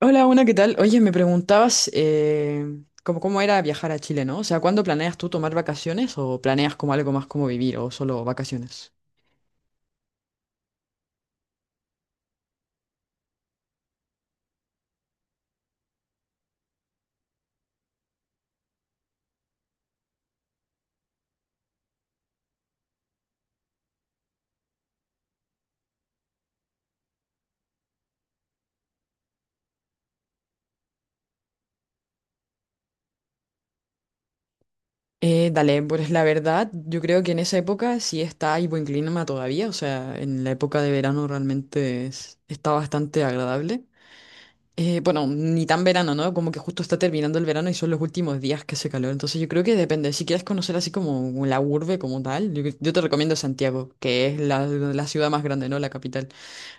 Hola, una, ¿qué tal? Oye, me preguntabas cómo, cómo era viajar a Chile, ¿no? O sea, ¿cuándo planeas tú tomar vacaciones o planeas como algo más como vivir o solo vacaciones? Dale, pues la verdad, yo creo que en esa época sí está, hay buen clima todavía, o sea, en la época de verano realmente está bastante agradable. Bueno, ni tan verano, ¿no? Como que justo está terminando el verano y son los últimos días que hace calor, entonces yo creo que depende, si quieres conocer así como la urbe como tal, yo te recomiendo Santiago, que es la ciudad más grande, ¿no? La capital.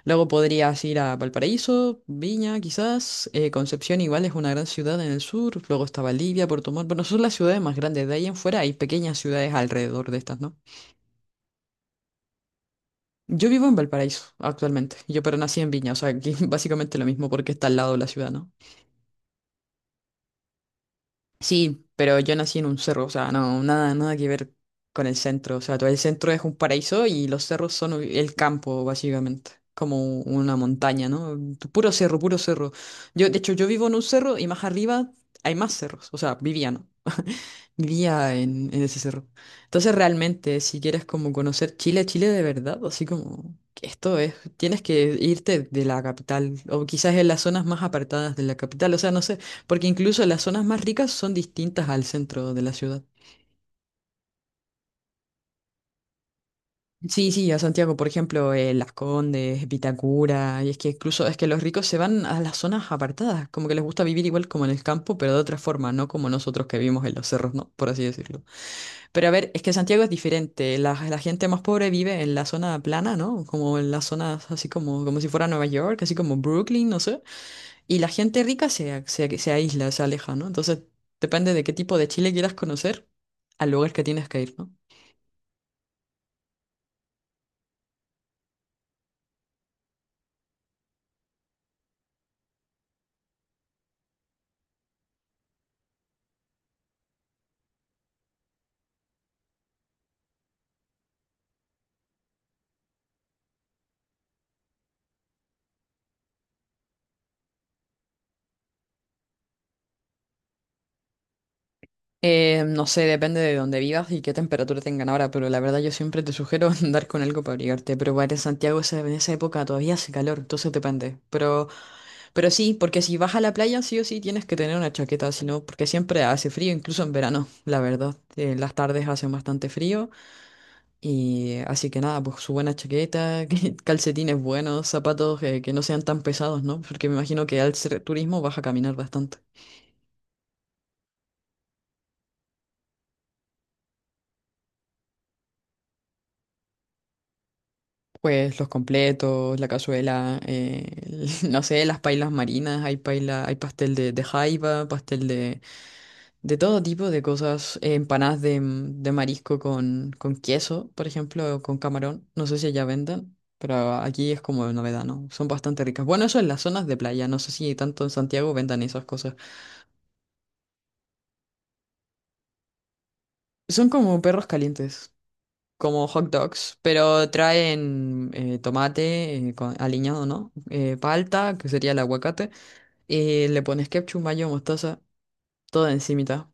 Luego podrías ir a Valparaíso, Viña, quizás. Concepción igual es una gran ciudad en el sur. Luego está Bolivia, Puerto Montt. Bueno, son las ciudades más grandes. De ahí en fuera hay pequeñas ciudades alrededor de estas, ¿no? Yo vivo en Valparaíso actualmente. Yo pero nací en Viña, o sea, que básicamente lo mismo porque está al lado de la ciudad, ¿no? Sí, pero yo nací en un cerro, o sea, no, nada, nada que ver con el centro. O sea, todo el centro es un paraíso y los cerros son el campo, básicamente, como una montaña, ¿no? Puro cerro, puro cerro. De hecho, yo vivo en un cerro y más arriba hay más cerros, o sea, vivía, ¿no? Vivía en ese cerro. Entonces, realmente, si quieres como conocer Chile, Chile de verdad, así como que esto es, tienes que irte de la capital, o quizás en las zonas más apartadas de la capital, o sea, no sé. Porque incluso las zonas más ricas son distintas al centro de la ciudad. Sí, sí, a Santiago, por ejemplo, Las Condes, Vitacura, y es que incluso es que los ricos se van a las zonas apartadas, como que les gusta vivir igual como en el campo, pero de otra forma, no como nosotros que vivimos en los cerros, ¿no? Por así decirlo. Pero a ver, es que Santiago es diferente, la gente más pobre vive en la zona plana, ¿no? Como en las zonas así como, como si fuera Nueva York, así como Brooklyn, no sé. Y la gente rica se aísla, se aleja, ¿no? Entonces, depende de qué tipo de Chile quieras conocer al lugar que tienes que ir, ¿no? No sé, depende de dónde vivas y qué temperatura tengan ahora, pero la verdad yo siempre te sugiero andar con algo para abrigarte. Pero bueno, en Santiago en esa época todavía hace calor, entonces depende. Pero sí, porque si vas a la playa sí o sí tienes que tener una chaqueta, si no, porque siempre hace frío, incluso en verano, la verdad. Las tardes hacen bastante frío. Y así que nada, pues su buena chaqueta, calcetines buenos, zapatos que no sean tan pesados, ¿no? Porque me imagino que al ser turismo vas a caminar bastante. Pues los completos, la cazuela, no sé, las pailas marinas, hay paila, hay pastel de jaiba, pastel de todo tipo de cosas, empanadas de, de marisco con queso, por ejemplo, o con camarón, no sé si allá vendan, pero aquí es como novedad, ¿no? Son bastante ricas. Bueno, eso en las zonas de playa, no sé si tanto en Santiago vendan esas cosas. Son como perros calientes, como hot dogs, pero traen tomate aliñado, ¿no? Palta, que sería el aguacate, y le pones ketchup, mayo, mostaza, todo encimita.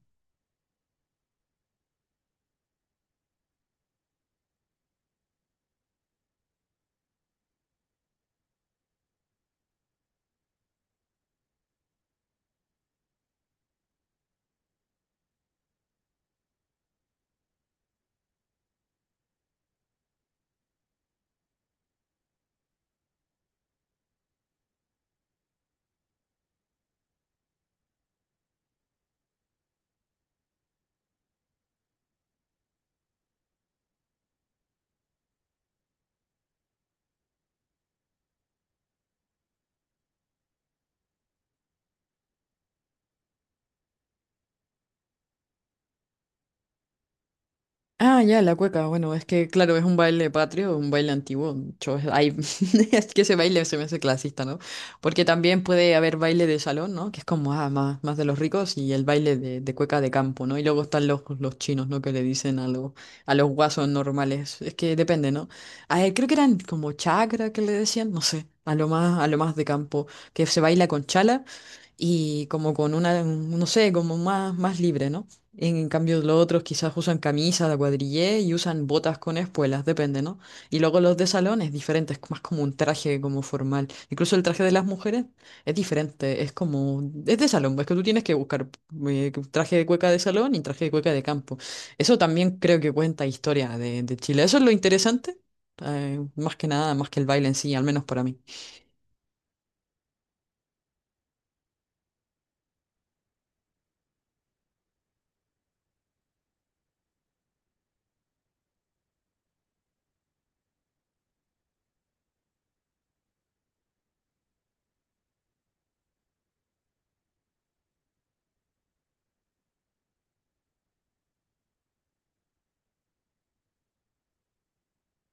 Ah, ya, la cueca. Bueno, es que, claro, es un baile patrio, un baile antiguo. Es que ese baile se me hace clasista, ¿no? Porque también puede haber baile de salón, ¿no? Que es como ah, más, más de los ricos y el baile de cueca de campo, ¿no? Y luego están los chinos, ¿no? Que le dicen a los guasos normales. Es que depende, ¿no? A él creo que eran como chakra que le decían, no sé, a lo más de campo, que se baila con chala y como con una, no sé, como más, más libre, ¿no? En cambio, los otros quizás usan camisas de cuadrillé y usan botas con espuelas, depende, ¿no? Y luego los de salón es diferente, es más como un traje como formal. Incluso el traje de las mujeres es diferente, es como, es de salón, es que tú tienes que buscar traje de cueca de salón y traje de cueca de campo. Eso también creo que cuenta historia de Chile. Eso es lo interesante, más que nada, más que el baile en sí, al menos para mí.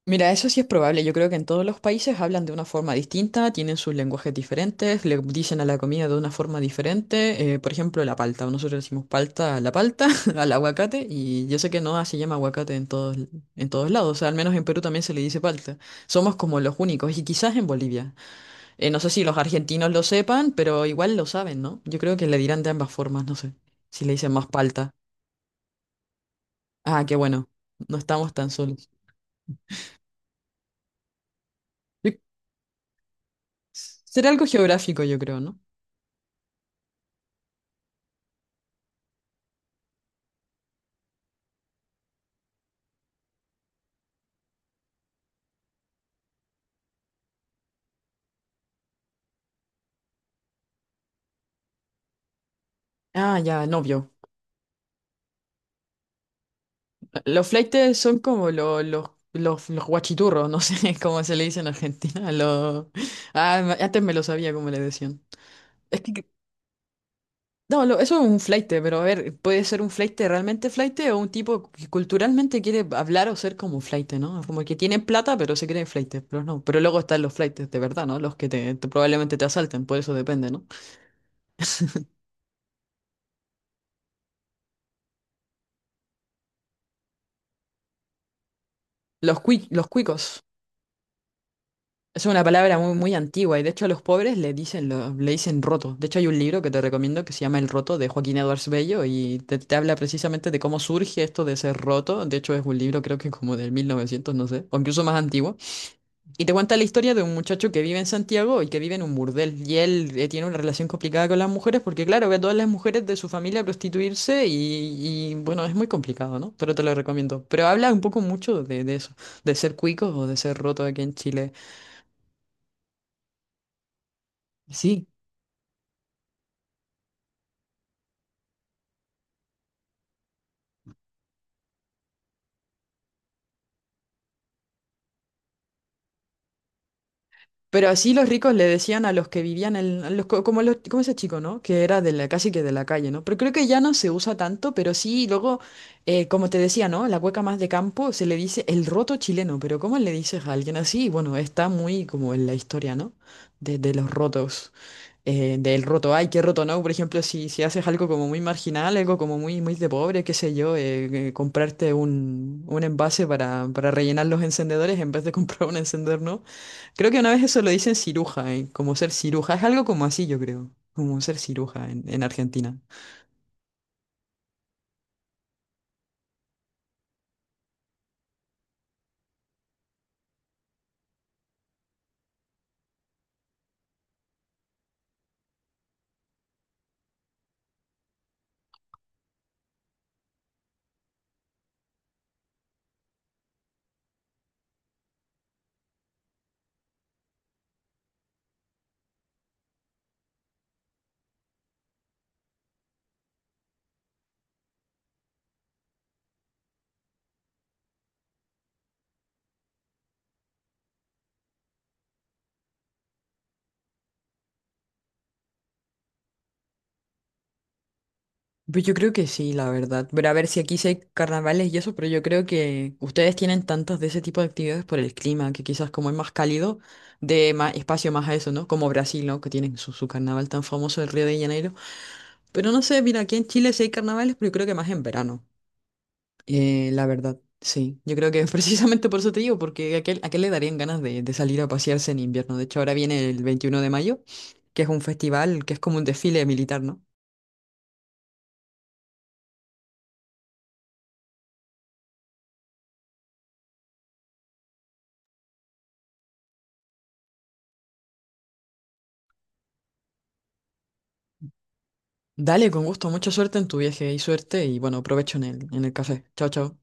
Mira, eso sí es probable. Yo creo que en todos los países hablan de una forma distinta, tienen sus lenguajes diferentes, le dicen a la comida de una forma diferente. Por ejemplo, la palta. Nosotros decimos palta a la palta, al aguacate, y yo sé que no se llama aguacate en todos lados. O sea, al menos en Perú también se le dice palta. Somos como los únicos, y quizás en Bolivia. No sé si los argentinos lo sepan, pero igual lo saben, ¿no? Yo creo que le dirán de ambas formas, no sé. Si le dicen más palta. Ah, qué bueno. No estamos tan solos. Yo- Será algo geográfico, yo creo, ¿no? Ah, ya, novio. Los flaites son como los guachiturros, no sé cómo se le dice en Argentina. Los... Ah, antes me lo sabía cómo le decían. Es que, no, eso es un flaite, pero a ver, puede ser un flaite realmente flaite o un tipo que culturalmente quiere hablar o ser como un flaite, ¿no? Como que tienen plata, pero se creen flaites, pero no. Pero luego están los flaites de verdad, ¿no? Los que probablemente te asalten, por eso depende, ¿no? Los, los cuicos. Es una palabra muy, muy antigua y de hecho a los pobres le dicen, le dicen roto. De hecho hay un libro que te recomiendo que se llama El Roto de Joaquín Edwards Bello y te habla precisamente de cómo surge esto de ser roto. De hecho es un libro creo que como del 1900, no sé, o incluso más antiguo. Y te cuenta la historia de un muchacho que vive en Santiago y que vive en un burdel. Y él tiene una relación complicada con las mujeres porque claro, ve a todas las mujeres de su familia prostituirse y, bueno, es muy complicado, ¿no? Pero te lo recomiendo. Pero habla un poco mucho de eso, de ser cuico o de ser roto aquí en Chile. Sí, pero así los ricos le decían a los que vivían en, a los, como ese chico, ¿no? Que era de la, casi que de la calle, ¿no? Pero creo que ya no se usa tanto, pero sí, luego, como te decía, ¿no? La cueca más de campo se le dice el roto chileno, pero ¿cómo le dices a alguien así? Bueno, está muy como en la historia, ¿no? De los rotos, del roto, ay, qué roto, ¿no? Por ejemplo, si, si haces algo como muy marginal, algo como muy, muy de pobre, qué sé yo, comprarte un envase para rellenar los encendedores en vez de comprar un encendedor, ¿no? Creo que una vez eso lo dicen ciruja, ¿eh? Como ser ciruja. Es algo como así, yo creo. Como ser ciruja en Argentina. Pues yo creo que sí, la verdad. Pero a ver si aquí sí hay carnavales y eso, pero yo creo que ustedes tienen tantos de ese tipo de actividades por el clima, que quizás como es más cálido, de más espacio más a eso, ¿no? Como Brasil, ¿no? Que tienen su carnaval tan famoso, el Río de Janeiro. Pero no sé, mira, aquí en Chile sí hay carnavales, pero yo creo que más en verano. La verdad, sí. Yo creo que precisamente por eso te digo, porque a qué le darían ganas de salir a pasearse en invierno. De hecho, ahora viene el 21 de mayo, que es un festival, que es como un desfile militar, ¿no? Dale, con gusto, mucha suerte en tu viaje y suerte y bueno, provecho en en el café. Chao, chao.